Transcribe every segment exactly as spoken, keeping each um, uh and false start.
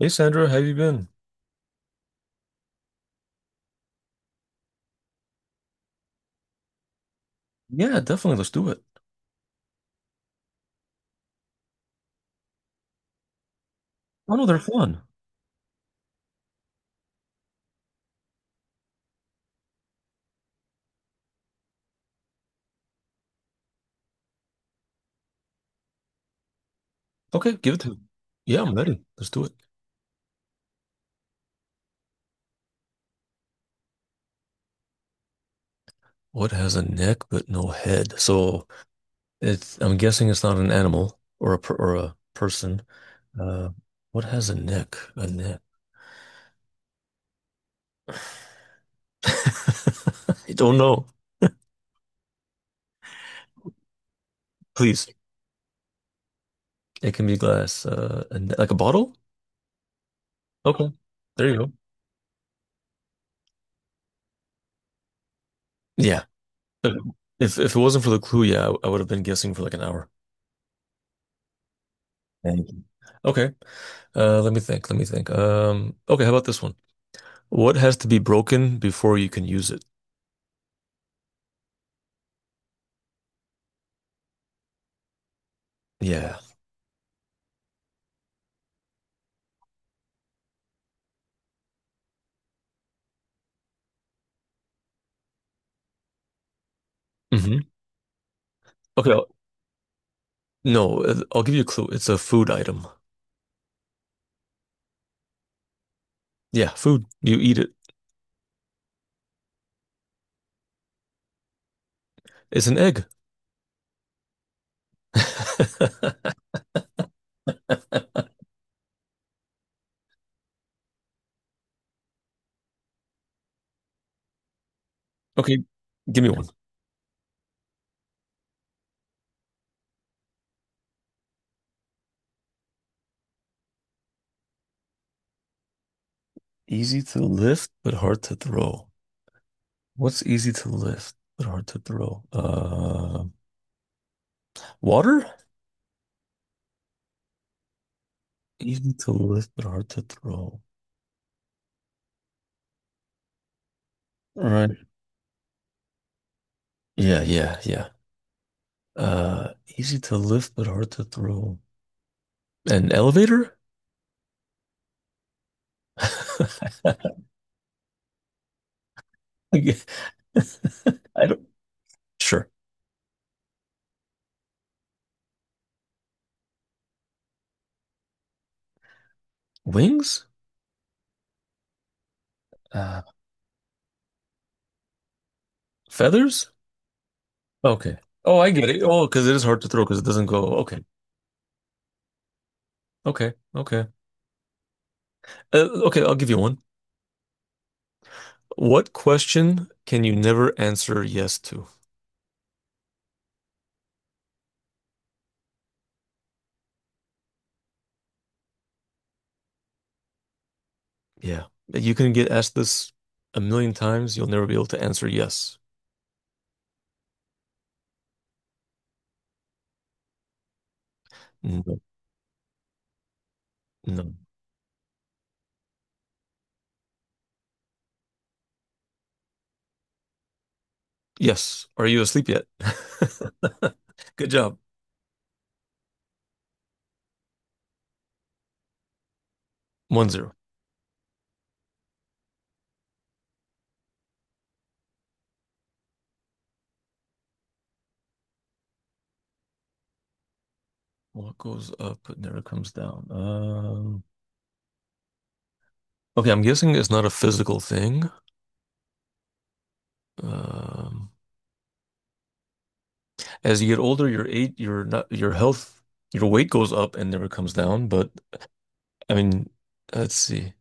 Hey Sandra, how you been? Yeah, definitely. Let's do it. Oh no, they're fun. Okay, give it to me. Yeah, I'm ready. Let's do it. What has a neck but no head? So it's I'm guessing it's not an animal or a per, or a person. Uh, what has a neck? A neck. I don't know. Please. It can be glass. Uh, a ne- like a bottle? Okay. There you go. Yeah. If if it wasn't for the clue, yeah, I, I would have been guessing for like an hour. Thank you. Okay. Uh, let me think. Let me think. Um, okay, how about this one? What has to be broken before you can use it? Yeah. Hmm. Okay. I'll- no, uh, I'll give you a clue. It's a food item. Yeah, food. You eat it. It's an egg. Okay, give me one. Easy to lift, but hard to throw. What's easy to lift, but hard to throw? Uh, water? Easy to lift, but hard to throw. All right. Yeah, yeah, yeah. Uh, Easy to lift, but hard to throw. An elevator? I don't, sure. Wings? Uh, Feathers? Okay. Oh, I get it. Oh, because it is hard to throw because it doesn't go. Okay. Okay. Okay. Uh, okay, I'll give you one. What question can you never answer yes to? Yeah. You can get asked this a million times. You'll never be able to answer yes. No. No. Yes. Are you asleep yet? Good job. One zero. What goes up but never comes down? Um, okay, I'm guessing it's not a physical thing. Um, as you get older, your age, your not your health, your weight goes up and never comes down. But I mean, let's see.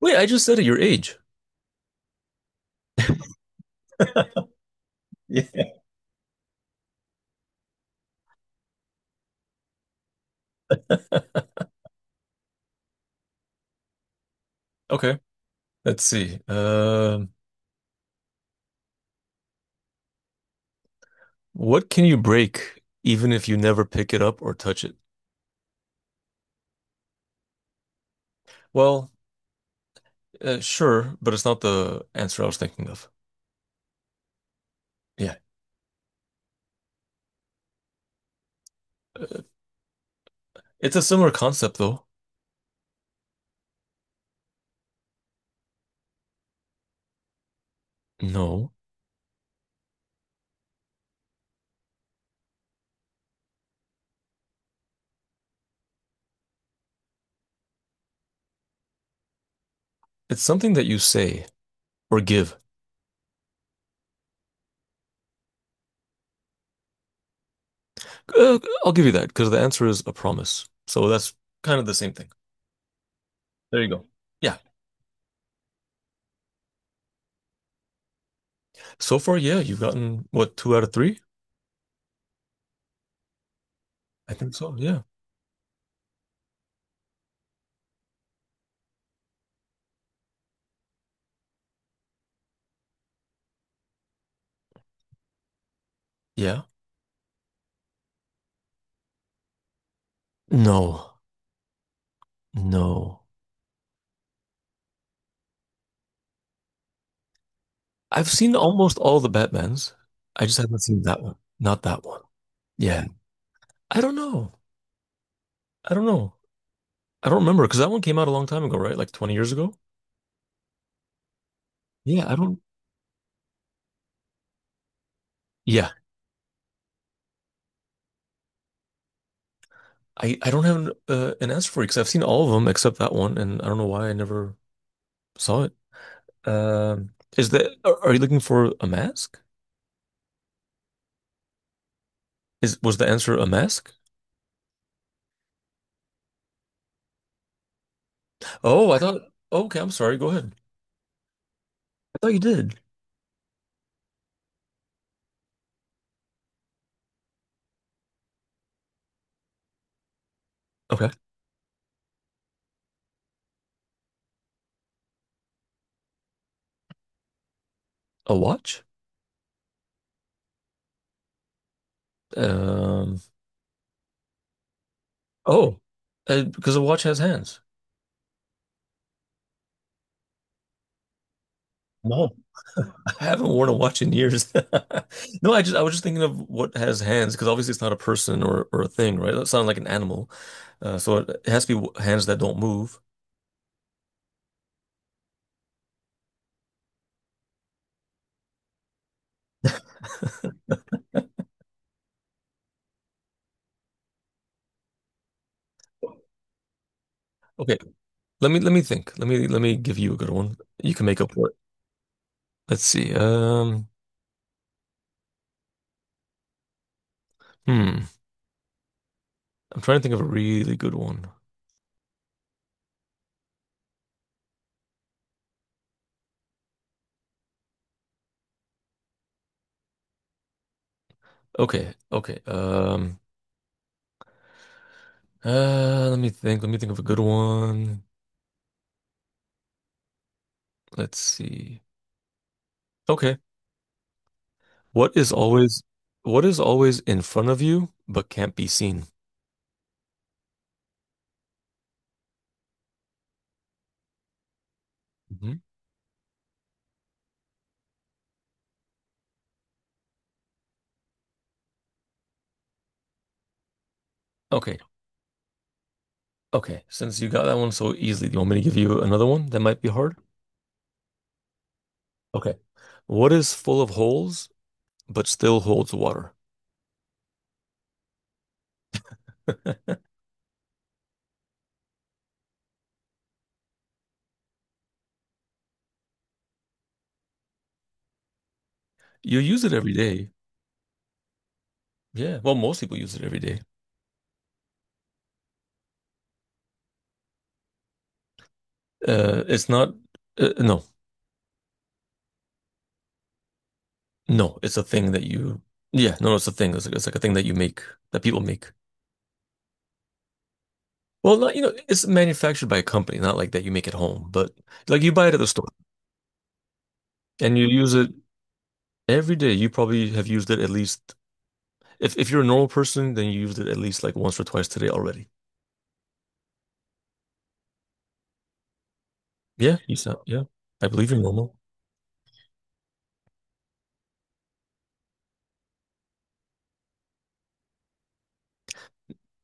Wait, I just said it, your age. Yeah. Okay, let's see. Um, what can you break even if you never pick it up or touch it? Well, uh, sure, but it's not the answer I was thinking of. Yeah, uh, it's a similar concept though. No, it's something that you say or give. Uh, I'll give you that because the answer is a promise. So that's kind of the same thing. There you go. Yeah. So far, yeah, you've gotten what, two out of three? I think so. Yeah. Yeah. No, no. I've seen almost all the Batmans. I just haven't seen that one. Not that one. Yeah. I don't know. I don't know. I don't remember because that one came out a long time ago, right? Like twenty years ago. Yeah, I don't. Yeah, I I don't have an, uh, an answer for you because I've seen all of them except that one, and I don't know why I never saw it. Um, is that are, are you looking for a mask? Is was the answer a mask? Oh, I thought. Okay, I'm sorry. Go ahead. I thought you did. Okay. A watch? Um. Oh, uh, because a watch has hands. No. I haven't worn a watch in years. No, I just I was just thinking of what has hands because obviously it's not a person or or a thing, right? That sounds like an animal. Uh, so it, it has to be w- hands that don't move. Okay, let me let me think. Let me let me give you a good one. You can make up for it. Let's see. Um, hmm. I'm trying to think of a really good one. Okay, okay. Um. Uh, let me think. Let me think of a good one. Let's see. Okay. What is always what is always in front of you but can't be seen? Hmm. Okay. Okay. Since you got that one so easily, do you want me to give you another one that might be hard? Okay. What is full of holes but still holds water? You use it every day. Yeah. Well, most people use it every day. Uh, it's not uh, no. No, it's a thing that you Yeah, no, no, it's a thing. It's like, it's like a thing that you make that people make. Well, not, you know, it's manufactured by a company, not like that you make it home, but like you buy it at the store and you use it every day. You probably have used it at least, if, if you're a normal person, then you used it at least like once or twice today already. Yeah, you sound, yeah, I believe you're normal.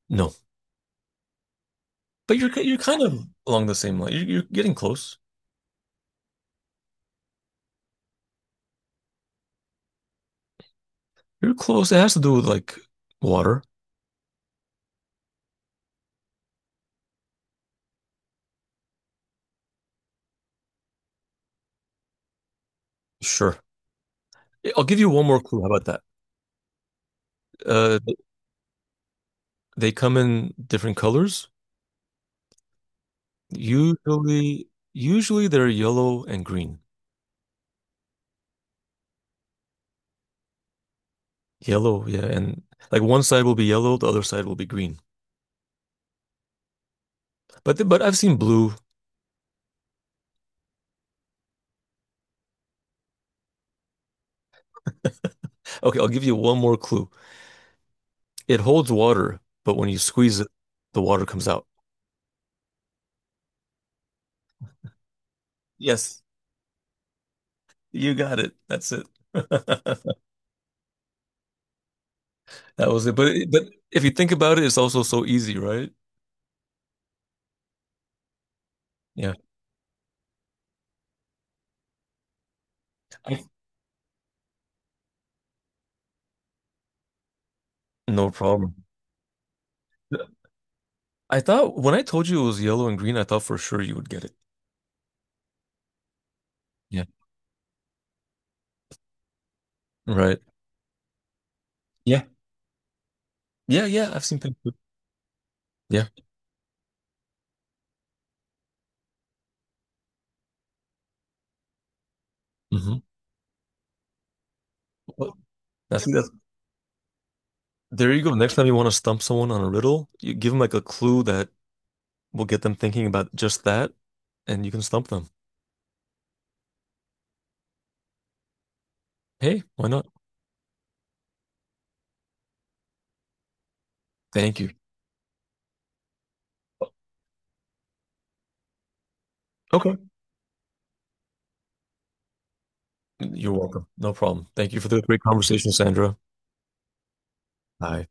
No, but you're, ki- you're kind of along the same line. You're, you're getting close. You're close. It has to do with like water. Sure. I'll give you one more clue. How about that? Uh, they come in different colors. Usually, usually they're yellow and green. Yellow, yeah, and like one side will be yellow, the other side will be green. But th- but I've seen blue. Okay, I'll give you one more clue. It holds water, but when you squeeze it, the water comes out. Yes, you got it. That's it. That was it. But it- but if you think about it, it's also so easy, right? Yeah. I- No problem. I thought when I told you it was yellow and green, I thought for sure you would get it. Yeah. Right. Yeah. Yeah, yeah, I've seen pink. Too. Yeah. Hmm. Well, I think that's There you go. Next time you want to stump someone on a riddle, you give them like a clue that will get them thinking about just that, and you can stump them. Hey, why not? Thank you. Okay. You're welcome. No problem. Thank you for the great conversation, Sandra. Bye.